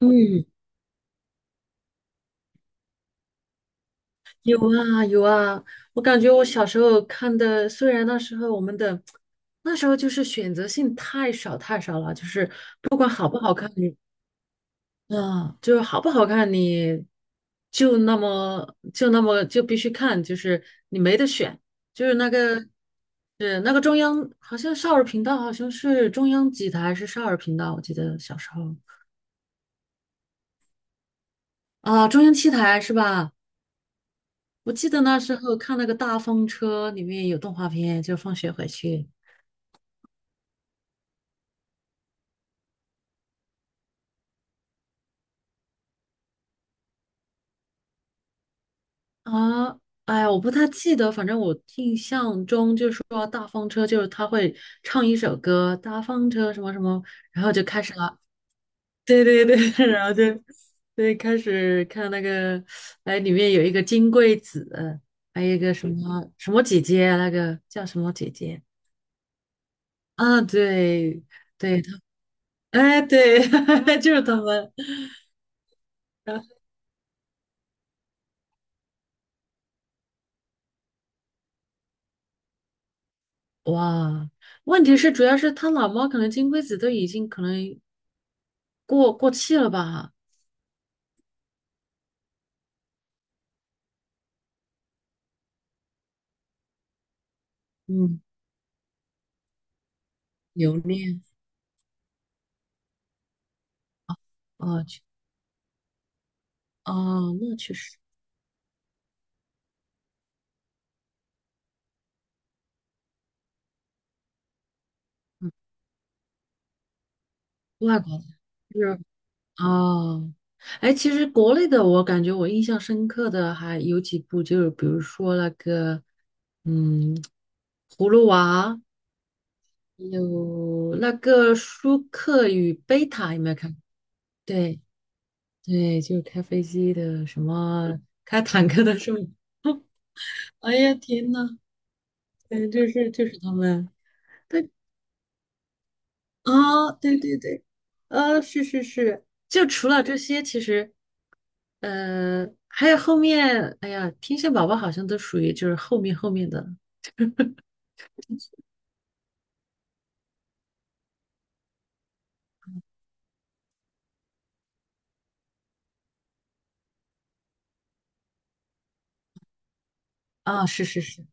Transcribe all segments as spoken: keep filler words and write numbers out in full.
嗯，有啊有啊。我感觉我小时候看的，虽然那时候我们的那时候就是选择性太少太少了。就是不管好不好看你，啊，就是好不好看你，就那么就那么就必须看，就是你没得选。就是那个是那个中央，好像少儿频道，好像是中央几台还是少儿频道，我记得小时候。啊，中央七台是吧？我记得那时候看那个大风车里面有动画片，就放学回去啊。哎呀，我不太记得，反正我印象中就是说大风车就是他会唱一首歌，大风车什么什么。对对对。然后就，对，开始看那个，哎，里面有一个金龟子，还有一个什么什么姐姐啊，那个叫什么姐姐啊。对对，哎对。就是他们。哇，问题是主要是他老猫，可能金龟子都已经可能过过气了吧？嗯，留恋，啊，去哦，那确实。嗯，外国的，是，哦。哎，其实国内的我感觉我印象深刻的还有几部，就是比如说那个，嗯，葫芦娃，有那个舒克与贝塔，有没有看？对对，就是开飞机的，什么开坦克的是吗？哎呀，天呐。对，就是就是他们。对啊，对对对。啊，是是是，就除了这些，其实呃，还有后面。哎呀，天线宝宝好像都属于就是后面后面的啊。是是是。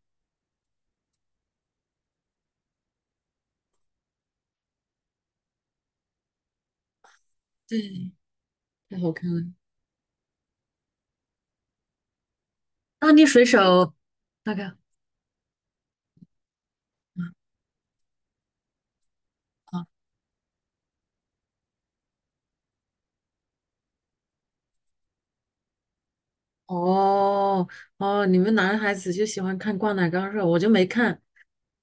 对，太好看了。大力水手，那个啊。哦哦，你们男孩子就喜欢看《灌篮高手》，我就没看。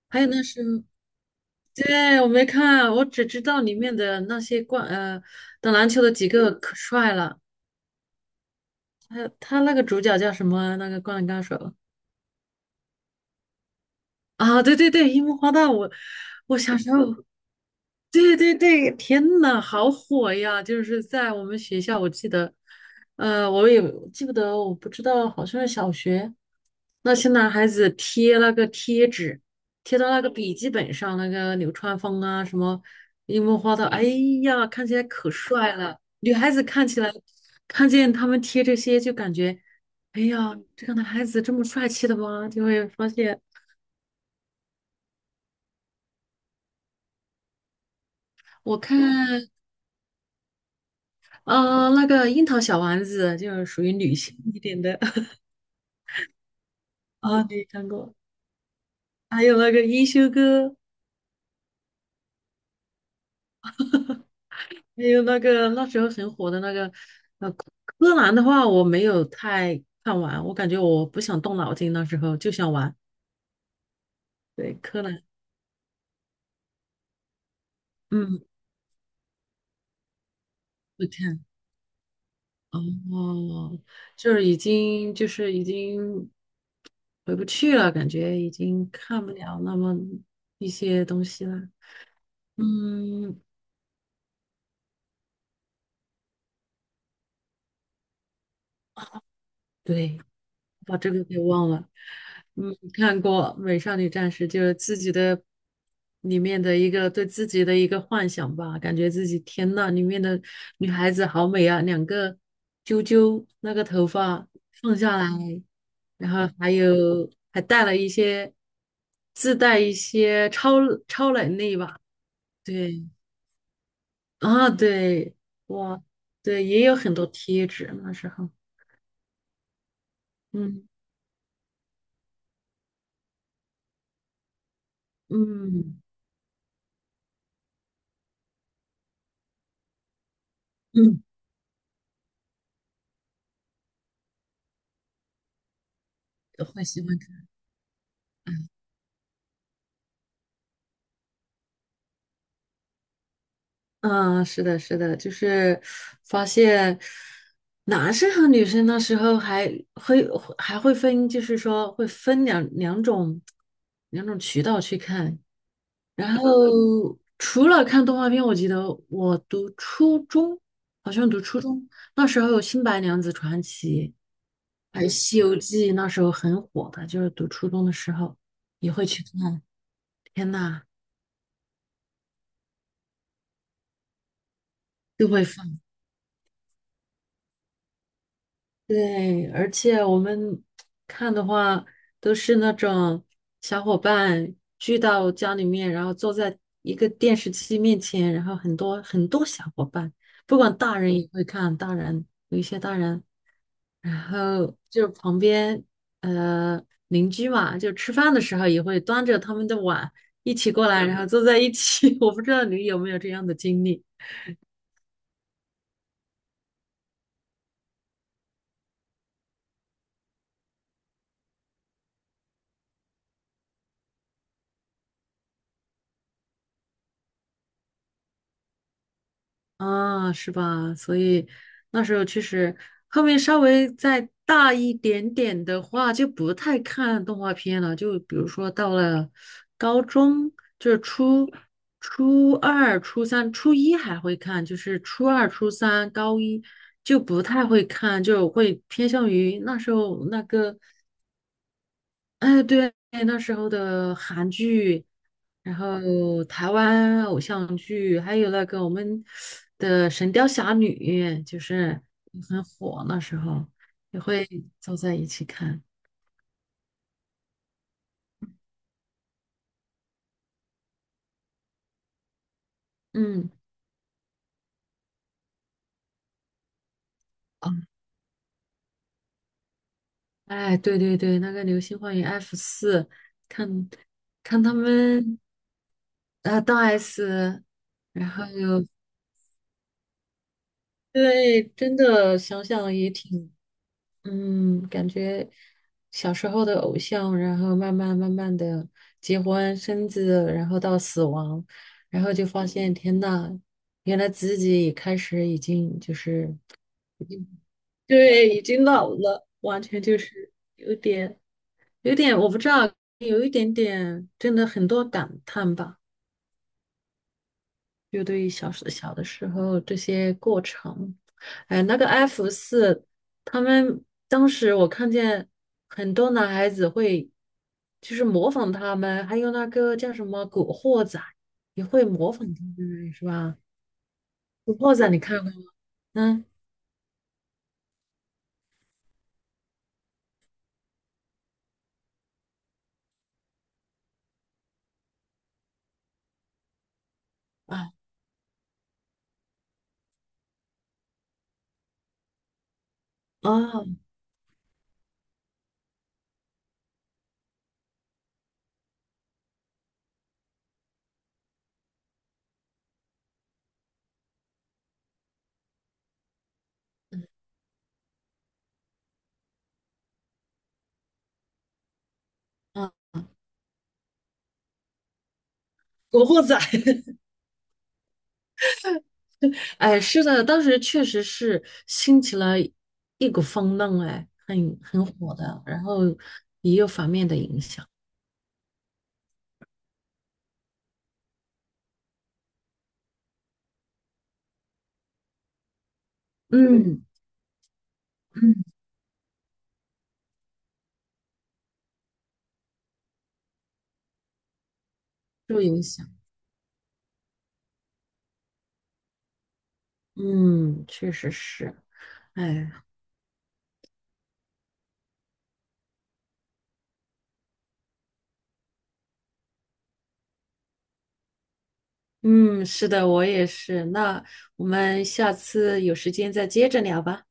还有那是，对，我没看，我只知道里面的那些冠呃打篮球的几个可帅了。还有他那个主角叫什么啊？那个灌篮高手。啊，对对对，樱木花道，我我小时候 对对对，天呐，好火呀！就是在我们学校，我记得，呃，我也记不得，我不知道，好像是小学，那些男孩子贴那个贴纸，贴到那个笔记本上，那个流川枫啊，什么樱木花道。哎呀，看起来可帅了。女孩子看起来，看见他们贴这些，就感觉，哎呀，这个男孩子这么帅气的吗？就会发现。我看，呃，那个樱桃小丸子就是属于女性一点的 啊，你看过？还有那个一休哥，还有那个那时候很火的那个，呃，柯南的话我没有太看完，我感觉我不想动脑筋，那时候就想玩。对，柯南。嗯，会看哦。就是已经就是已经回不去了，感觉已经看不了那么一些东西了。嗯，对。把这个给忘了。嗯，看过《美少女战士》，就是自己的里面的一个对自己的一个幻想吧，感觉自己天呐，里面的女孩子好美啊，两个啾啾，那个头发放下来，然后还有还带了一些自带一些超超能力吧。对啊，对，哇，对，也有很多贴纸那时候。嗯嗯嗯，我会喜欢看。嗯，是的，是的，就是发现男生和女生那时候还会还会分，就是说会分两两种两种渠道去看。然后除了看动画片，我记得我读初中，好像读初中那时候有《新白娘子传奇》，还有《西游记》，那时候很火的，就是读初中的时候也会去看。天呐，都会放。对，而且我们看的话，都是那种小伙伴聚到家里面，然后坐在一个电视机面前，然后很多很多小伙伴，不管大人也会看，大人有一些大人，然后就旁边呃邻居嘛，就吃饭的时候也会端着他们的碗一起过来，然后坐在一起。我不知道你有没有这样的经历。啊，是吧？所以那时候确实，后面稍微再大一点点的话，就不太看动画片了，就比如说到了高中。就是初初二、初三、初一还会看，就是初二、初三、高一就不太会看，就会偏向于那时候那个。哎，对，那时候的韩剧，然后台湾偶像剧，还有那个我们的《神雕侠侣》，就是很火，那时候也会坐在一起看。嗯，哦，哎，对对对，那个《流星花园 F 四》，看看他们啊，大 S。然后对，真的想想也挺嗯。感觉小时候的偶像，然后慢慢慢慢的结婚生子，然后到死亡，然后就发现天呐，原来自己也开始已经就是已经对，已经老了，完全就是有点有点，我不知道，有一点点，真的很多感叹吧。就对于小时小的时候这些过程，哎，那个 F 四，他们当时我看见很多男孩子会，就是模仿他们，还有那个叫什么古惑仔，也会模仿他们，是吧？古惑仔你看过吗？嗯啊哦啊，古惑仔。哎，是的，当时确实是兴起了一股风浪，哎，很很火的，然后也有反面的影响。嗯嗯，受影响。嗯，确实是。哎，嗯，是的，我也是。那我们下次有时间再接着聊吧，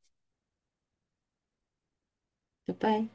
拜拜。